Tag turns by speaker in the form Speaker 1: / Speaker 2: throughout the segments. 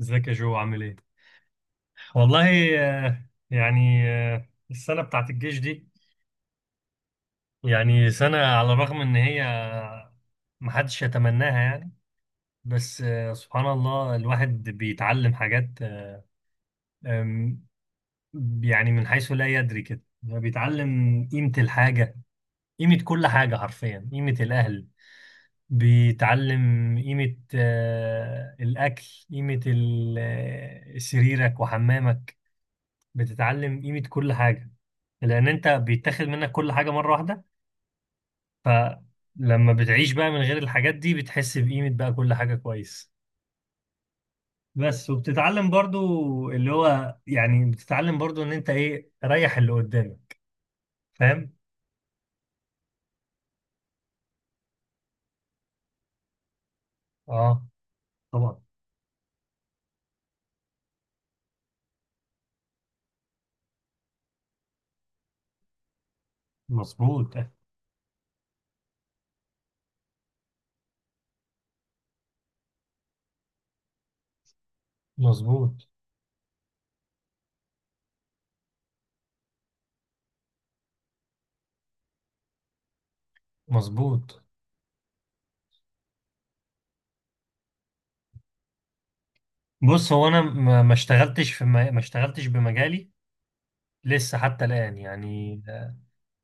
Speaker 1: ازيك يا جو، عامل ايه؟ والله. يعني السنة بتاعت الجيش دي يعني سنة، على الرغم ان هي محدش يتمناها يعني. بس سبحان الله، الواحد بيتعلم حاجات آه، آم، يعني من حيث لا يدري كده، يعني بيتعلم قيمة الحاجة، قيمة كل حاجة، حرفيا قيمة الأهل. بيتعلم قيمة الأكل، قيمة سريرك وحمامك. بتتعلم قيمة كل حاجة، لأن أنت بيتاخد منك كل حاجة مرة واحدة. فلما بتعيش بقى من غير الحاجات دي، بتحس بقيمة بقى كل حاجة كويس. بس وبتتعلم برضو، اللي هو يعني بتتعلم برضو إن أنت إيه، ريح اللي قدامك. فاهم؟ آه، طبعا. مظبوط. مظبوط. مظبوط. بص، هو أنا ما اشتغلتش بمجالي لسه حتى الآن يعني.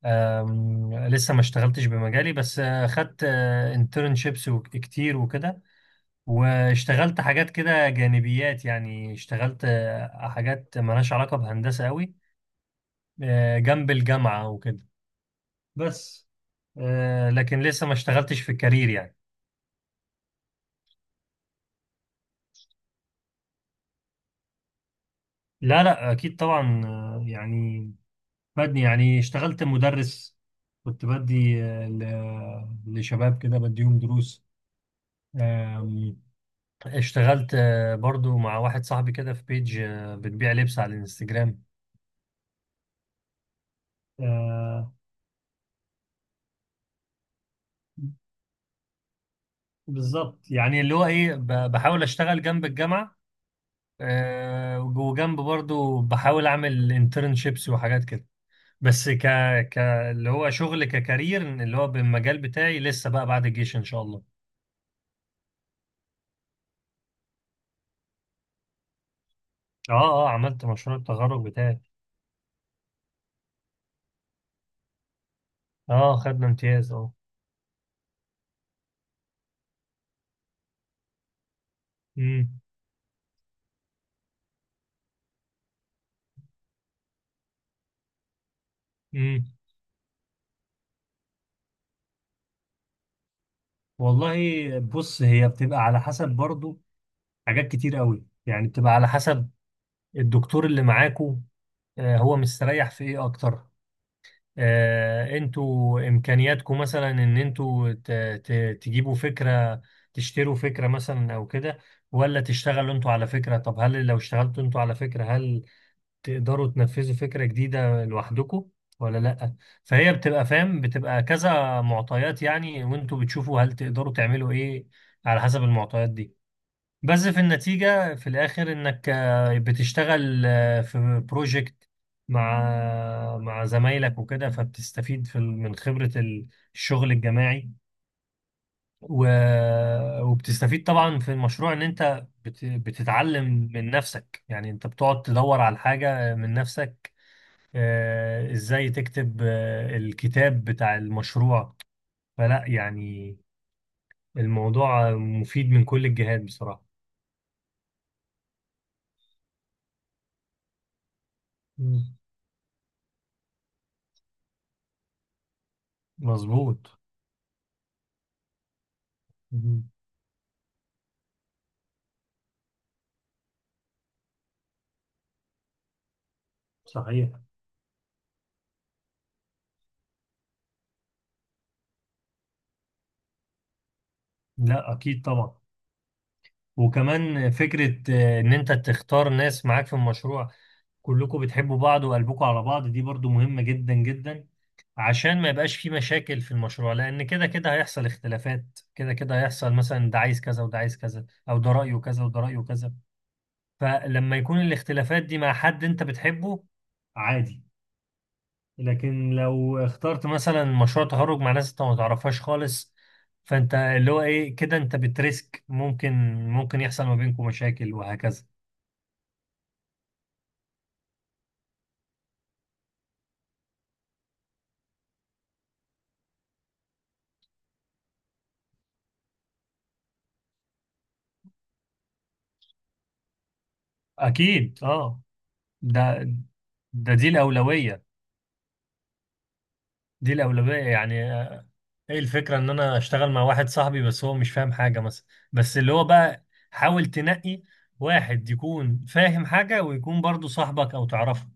Speaker 1: لسه ما اشتغلتش بمجالي، بس خدت انترنشيبس كتير وكده. واشتغلت حاجات كده جانبيات، يعني اشتغلت حاجات مالهاش علاقة بهندسة قوي، جنب الجامعة وكده بس. لكن لسه ما اشتغلتش في الكارير يعني. لا، لا، أكيد طبعا. يعني بدني يعني اشتغلت مدرس. كنت بدي لشباب كده، بديهم دروس. اشتغلت برضو مع واحد صاحبي كده في بيج، بتبيع لبس على الانستجرام آه، بالظبط، يعني اللي هو ايه، بحاول اشتغل جنب الجامعة، وجنب برضو بحاول اعمل انترنشيبس وحاجات كده. بس ك ك اللي هو شغل ككارير، اللي هو بالمجال بتاعي لسه بقى بعد الجيش ان شاء الله. اه. اه، عملت مشروع التخرج بتاعي. اه، خدنا امتياز، اه. امم. امم. والله، بص هي بتبقى على حسب برضو. حاجات كتير قوي يعني بتبقى على حسب الدكتور اللي معاكو، هو مستريح في ايه اكتر، انتوا امكانياتكو مثلا ان انتوا تجيبوا فكرة، تشتروا فكرة مثلا او كده، ولا تشتغلوا انتوا على فكرة. طب هل لو اشتغلتوا انتوا على فكرة هل تقدروا تنفذوا فكرة جديدة لوحدكم ولا لا؟ فهي بتبقى فاهم، بتبقى كذا معطيات يعني، وانتوا بتشوفوا هل تقدروا تعملوا ايه على حسب المعطيات دي. بس في النتيجة في الآخر إنك بتشتغل في بروجكت مع زمايلك وكده، فبتستفيد في من خبرة الشغل الجماعي، وبتستفيد طبعا في المشروع إن أنت بتتعلم من نفسك، يعني أنت بتقعد تدور على الحاجة من نفسك، إزاي تكتب الكتاب بتاع المشروع. فلا يعني، الموضوع مفيد من كل الجهات بصراحة. مم. مظبوط. صحيح. لا، اكيد طبعا. وكمان فكره ان انت تختار ناس معاك في المشروع، كلكم بتحبوا بعض وقلبكم على بعض، دي برضو مهمه جدا جدا، عشان ما يبقاش في مشاكل في المشروع. لان كده كده هيحصل اختلافات، كده كده هيحصل مثلا ده عايز كذا وده عايز كذا، او ده رايه كذا وده رايه كذا. فلما يكون الاختلافات دي مع حد انت بتحبه، عادي. لكن لو اخترت مثلا مشروع تخرج مع ناس انت ما تعرفهاش خالص، فانت اللي هو ايه كده انت بتريسك، ممكن ممكن يحصل ما بينكم مشاكل وهكذا. اكيد، اه. ده ده دي الاولويه، دي الاولويه يعني. ايه الفكره ان انا اشتغل مع واحد صاحبي بس هو مش فاهم حاجه مثلا. بس اللي هو بقى، حاول تنقي واحد يكون فاهم حاجه، ويكون برضو صاحبك او تعرفه.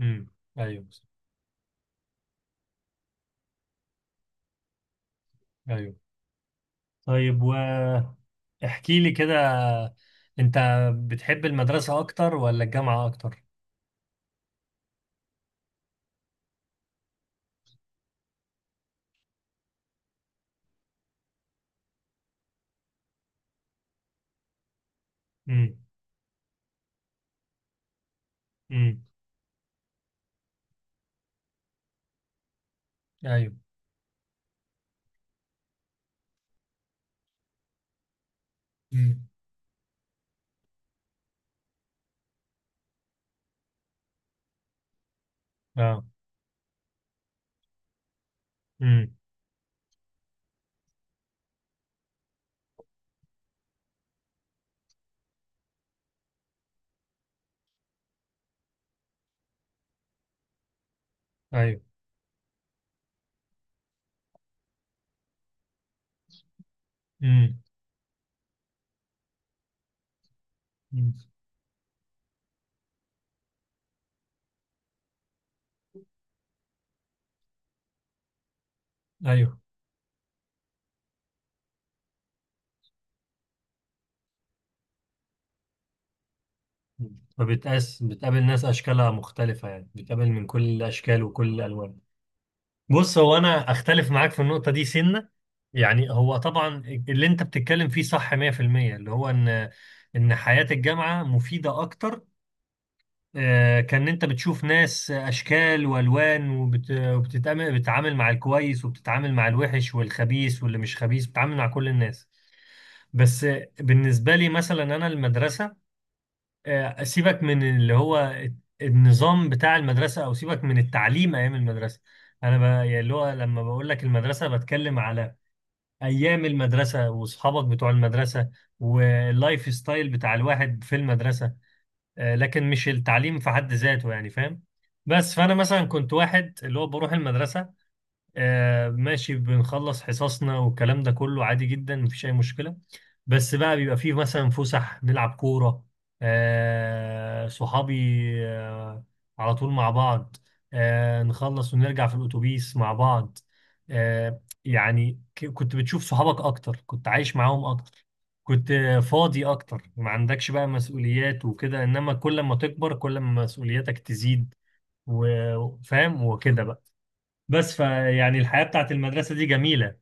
Speaker 1: امم. ايوه، ايوه. طيب، احكي لي كده. انت بتحب المدرسة اكتر ولا الجامعة اكتر؟ امم. امم. ايوه. امم. اه. امم. ايوه. امم. أمم. ايوه. أمم. فبتقاس بتقابل ناس اشكالها مختلفة، يعني بتقابل من كل الاشكال وكل الالوان. بص، هو انا اختلف معاك في النقطة دي سنة. يعني هو طبعا اللي انت بتتكلم فيه صح 100%، اللي هو ان حياة الجامعة مفيدة اكتر. كان انت بتشوف ناس اشكال والوان، وبتتعامل، مع الكويس، وبتتعامل مع الوحش والخبيث واللي مش خبيث، بتتعامل مع كل الناس. بس بالنسبه لي مثلا انا المدرسه، سيبك من اللي هو النظام بتاع المدرسه، او سيبك من التعليم ايام المدرسه. انا يعني اللي هو، لما بقول لك المدرسه بتكلم على ايام المدرسه واصحابك بتوع المدرسه واللايف ستايل بتاع الواحد في المدرسه، لكن مش التعليم في حد ذاته، يعني فاهم. بس فانا مثلا كنت واحد اللي هو بروح المدرسه، ماشي، بنخلص حصصنا والكلام ده كله عادي جدا، مفيش أي مشكلة. بس بقى بيبقى فيه مثلا فسح، نلعب كورة، صحابي آه على طول مع بعض، نخلص ونرجع في الأتوبيس مع بعض. يعني كنت بتشوف صحابك أكتر، كنت عايش معاهم أكتر، كنت فاضي أكتر، ما عندكش بقى مسؤوليات وكده. إنما كل ما تكبر كل ما مسؤولياتك تزيد وفاهم وكده بقى. بس فيعني الحياة بتاعت المدرسة دي جميلة.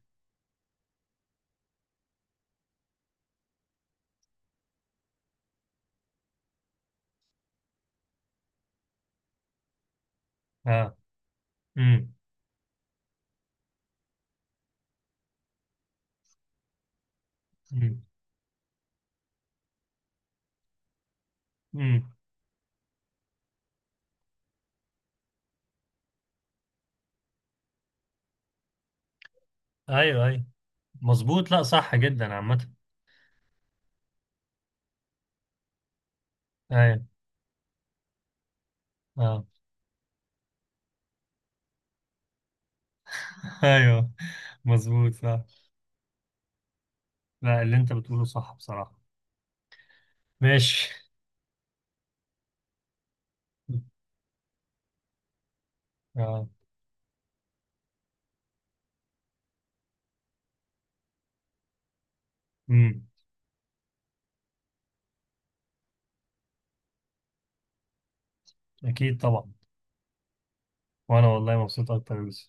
Speaker 1: اه. امم. امم. امم. ايوه، ايوه. مظبوط، لا صح جدا عامة. ايوه. اه. ايوه. مظبوط، صح. لا، اللي انت بتقوله صح بصراحة. ماشي. اه. امم. اكيد طبعا. وانا والله مبسوط اكتر يا يوسف.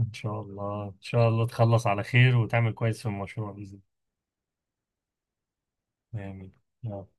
Speaker 1: ان شاء الله، ان شاء الله تخلص على خير وتعمل كويس في المشروع بإذن الله. آمين. آه.